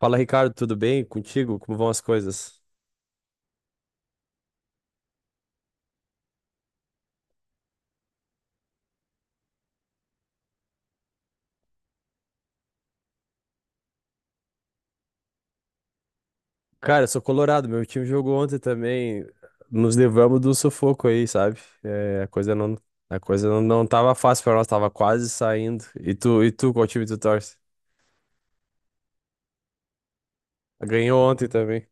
Fala, Ricardo, tudo bem contigo? Como vão as coisas? Cara, eu sou colorado, meu time jogou ontem também. Nos levamos do sufoco aí, sabe? É, a coisa não, não tava fácil pra nós, tava quase saindo. E tu, qual time tu torce? Ganhou ontem também.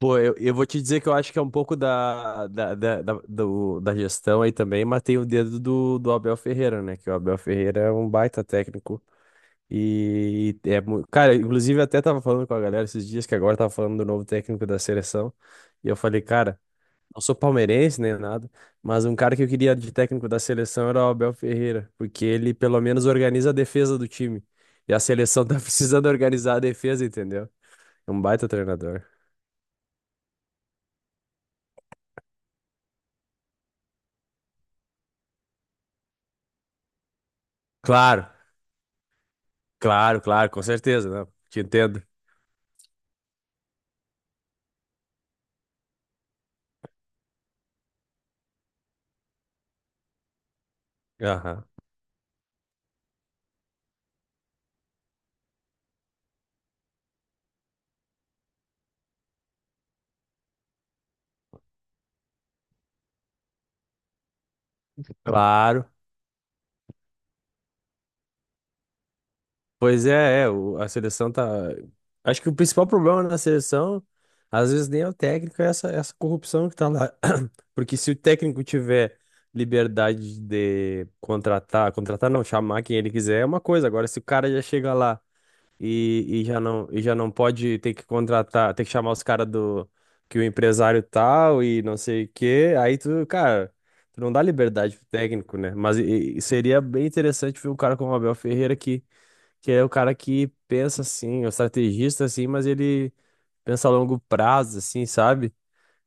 Pô, eu vou te dizer que eu acho que é um pouco da gestão aí também, mas tem o dedo do Abel Ferreira, né? Que o Abel Ferreira é um baita técnico. E é, cara, inclusive eu até tava falando com a galera esses dias que agora tava falando do novo técnico da seleção. E eu falei, cara, não sou palmeirense nem nada, mas um cara que eu queria de técnico da seleção era o Abel Ferreira, porque ele pelo menos organiza a defesa do time. E a seleção tá precisando organizar a defesa, entendeu? É um baita treinador. Claro, claro, claro, com certeza, né? Te entendo. Aham. Claro. Pois é, a seleção tá. Acho que o principal problema da seleção, às vezes nem é o técnico, é essa corrupção que tá lá. Porque se o técnico tiver liberdade de contratar, contratar não, chamar quem ele quiser é uma coisa. Agora, se o cara já chega lá e já não pode ter que contratar, ter que chamar os caras do que o empresário tal e não sei o quê, aí tu, cara. Tu não dá liberdade pro técnico, né? Mas e seria bem interessante ver um cara como o Abel Ferreira que é o cara que pensa assim, é o estrategista assim, mas ele pensa a longo prazo, assim, sabe?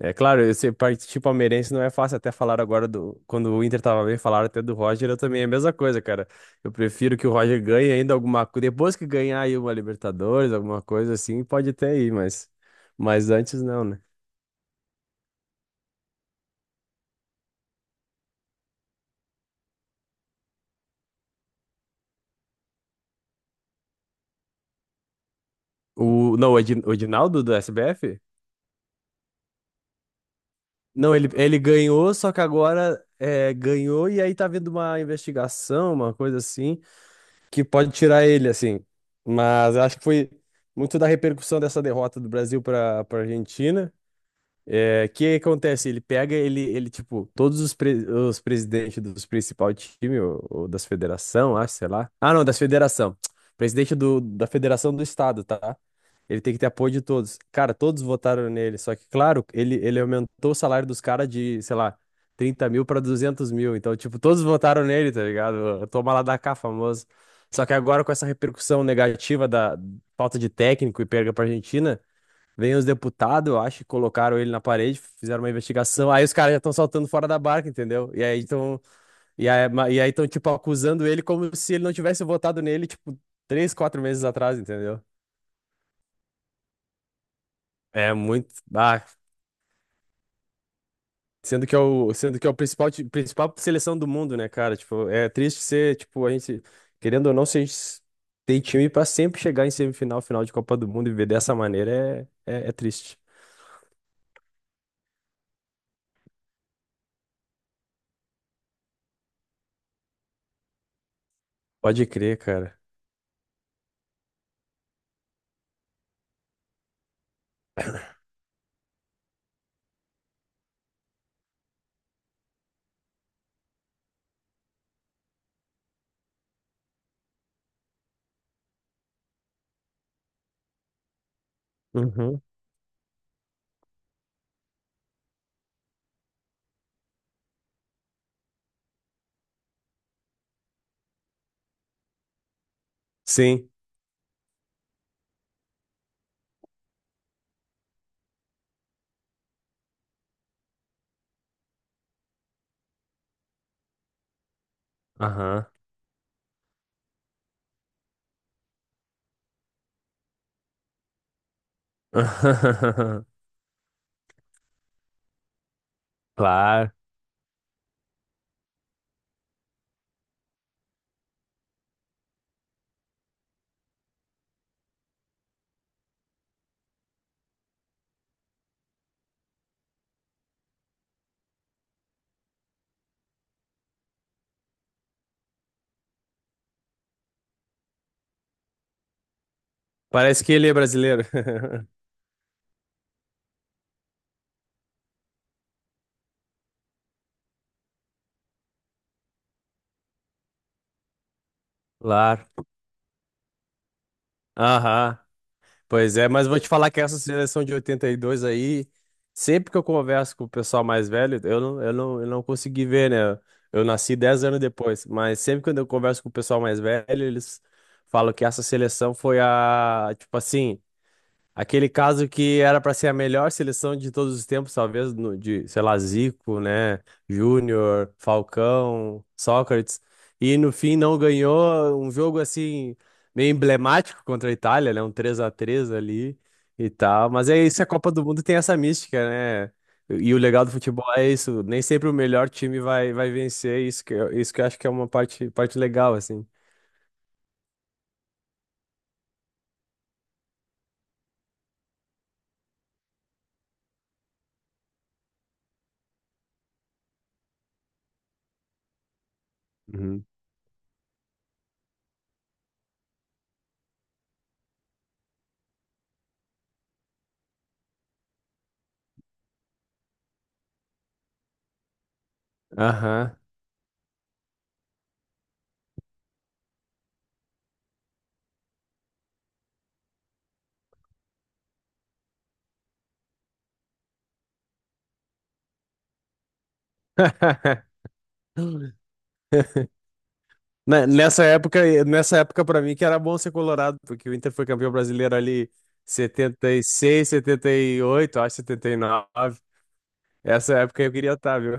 É claro, esse partir palmeirense não é fácil, até falar agora do. Quando o Inter tava bem, falaram até do Roger, eu também é a mesma coisa, cara. Eu prefiro que o Roger ganhe ainda alguma coisa. Depois que ganhar aí uma Libertadores, alguma coisa assim, pode até ir, mas. Mas antes não, né? O, não, o Edinaldo do SBF? Não, ele ganhou, só que agora é, ganhou e aí tá vendo uma investigação, uma coisa assim. Que pode tirar ele, assim. Mas eu acho que foi muito da repercussão dessa derrota do Brasil para Argentina. É, o que acontece? Ele pega, ele tipo, todos os presidentes dos principais times, ou das federação, acho, sei lá. Ah, não, das federação. Presidente do, da federação do estado, tá? Ele tem que ter apoio de todos. Cara, todos votaram nele, só que, claro, ele aumentou o salário dos caras de, sei lá, 30.000 pra 200.000. Então, tipo, todos votaram nele, tá ligado? Toma lá da cá, famoso. Só que agora, com essa repercussão negativa da falta de técnico e perda pra Argentina. Vem os deputados, eu acho, colocaram ele na parede, fizeram uma investigação. Aí os caras já estão saltando fora da barca, entendeu? E aí estão, e aí, ma- e aí estão, tipo, acusando ele como se ele não tivesse votado nele, tipo, 3, 4 meses atrás, entendeu? É muito. Ah, sendo que é o principal, principal seleção do mundo, né, cara? Tipo, é triste ser, tipo, a gente, querendo ou não, se a gente tem time pra sempre chegar em semifinal, final de Copa do Mundo e ver dessa maneira, é triste. Pode crer, cara. Uhum. Sim. Aham. Claro. Parece que ele é brasileiro. Claro. Aham, pois é, mas vou te falar que essa seleção de 82 aí, sempre que eu converso com o pessoal mais velho, eu não consegui ver, né? Eu nasci 10 anos depois, mas sempre quando eu converso com o pessoal mais velho, eles falam que essa seleção foi a, tipo assim, aquele caso que era para ser a melhor seleção de todos os tempos, talvez, de, sei lá, Zico, né? Júnior, Falcão, Sócrates. E no fim não ganhou um jogo assim, meio emblemático contra a Itália, né? Um 3 a 3 ali e tal. Mas é isso, a Copa do Mundo tem essa mística, né? E o legal do futebol é isso, nem sempre o melhor time vai vencer. Isso que, isso que eu acho que é uma parte legal, assim. Uhum. Aham. Nessa época para mim que era bom ser colorado, porque o Inter foi campeão brasileiro ali 76, 78, acho 79. Essa época eu queria estar, viu?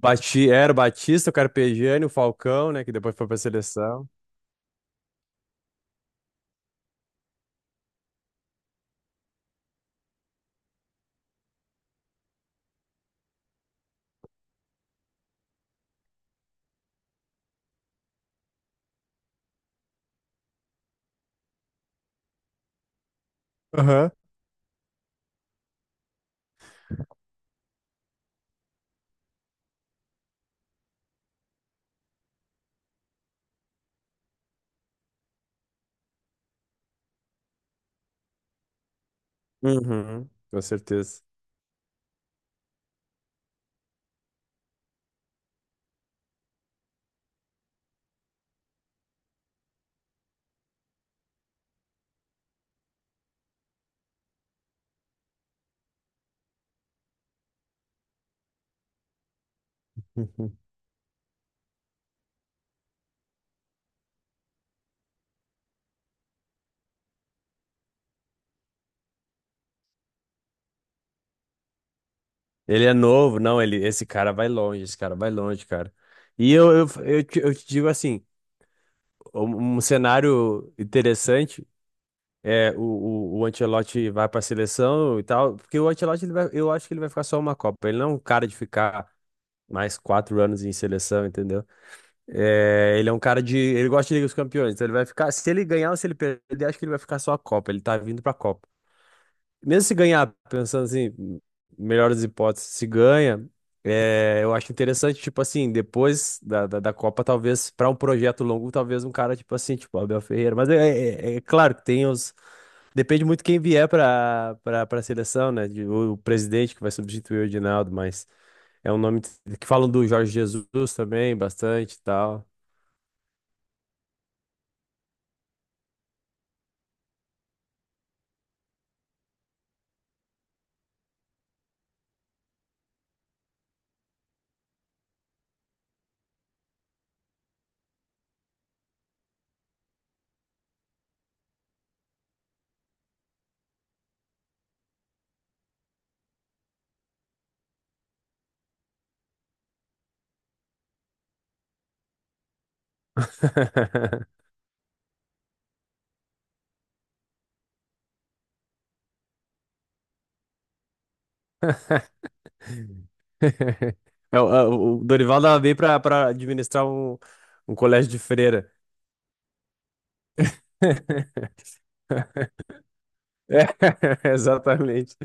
Era o Batista, o Carpegiani, o Falcão, né, que depois foi pra seleção. Aham. Uhum, com certeza. Uhum. Ele é novo, não, ele, esse cara vai longe, esse cara vai longe, cara. E eu te digo assim, um cenário interessante. É, o Ancelotti vai para a seleção e tal, porque o Ancelotti, ele vai, eu acho que ele vai ficar só uma Copa. Ele não é um cara de ficar mais 4 anos em seleção, entendeu? É, ele é um cara de. Ele gosta de Liga dos Campeões, então ele vai ficar. Se ele ganhar ou se ele perder, acho que ele vai ficar só a Copa. Ele tá vindo pra Copa. Mesmo se ganhar, pensando assim, melhor das hipóteses, se ganha, é, eu acho interessante, tipo assim, depois da Copa, talvez, para um projeto longo, talvez um cara, tipo assim, tipo Abel Ferreira. Mas é claro que tem os. Depende muito quem vier para a seleção, né? O presidente que vai substituir o Edinaldo, mas é um nome que falam do Jorge Jesus também, bastante e tal. É, o Dorival dava bem para administrar um colégio de freira. É, exatamente.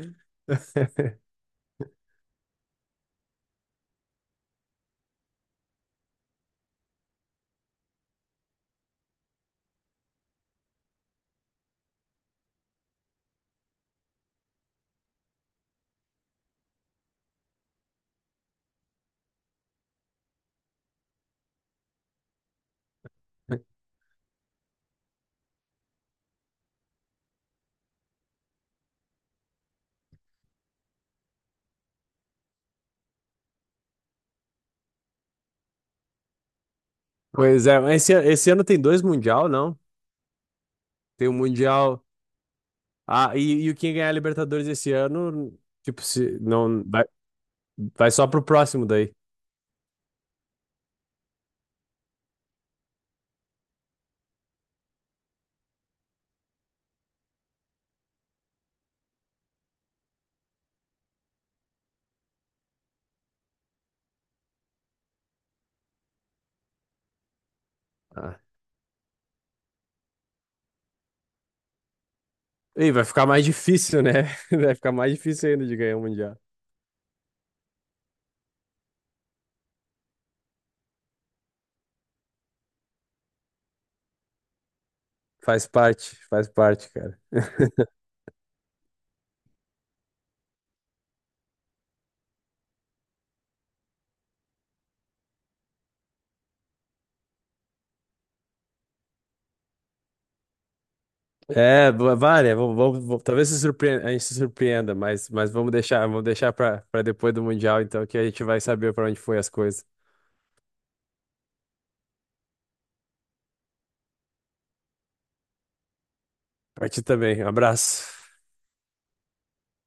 Pois é, mas esse ano tem dois Mundial, não? Tem o Mundial. Ah, e o quem ganhar a Libertadores esse ano, tipo, se não vai, vai só pro próximo daí. Ah. E vai ficar mais difícil, né? Vai ficar mais difícil ainda de ganhar o Mundial. Faz parte, cara. É, várias. Talvez se surpreenda, a gente se surpreenda, mas vamos deixar para depois do Mundial, então, que a gente vai saber para onde foi as coisas. Pra ti também. Um abraço.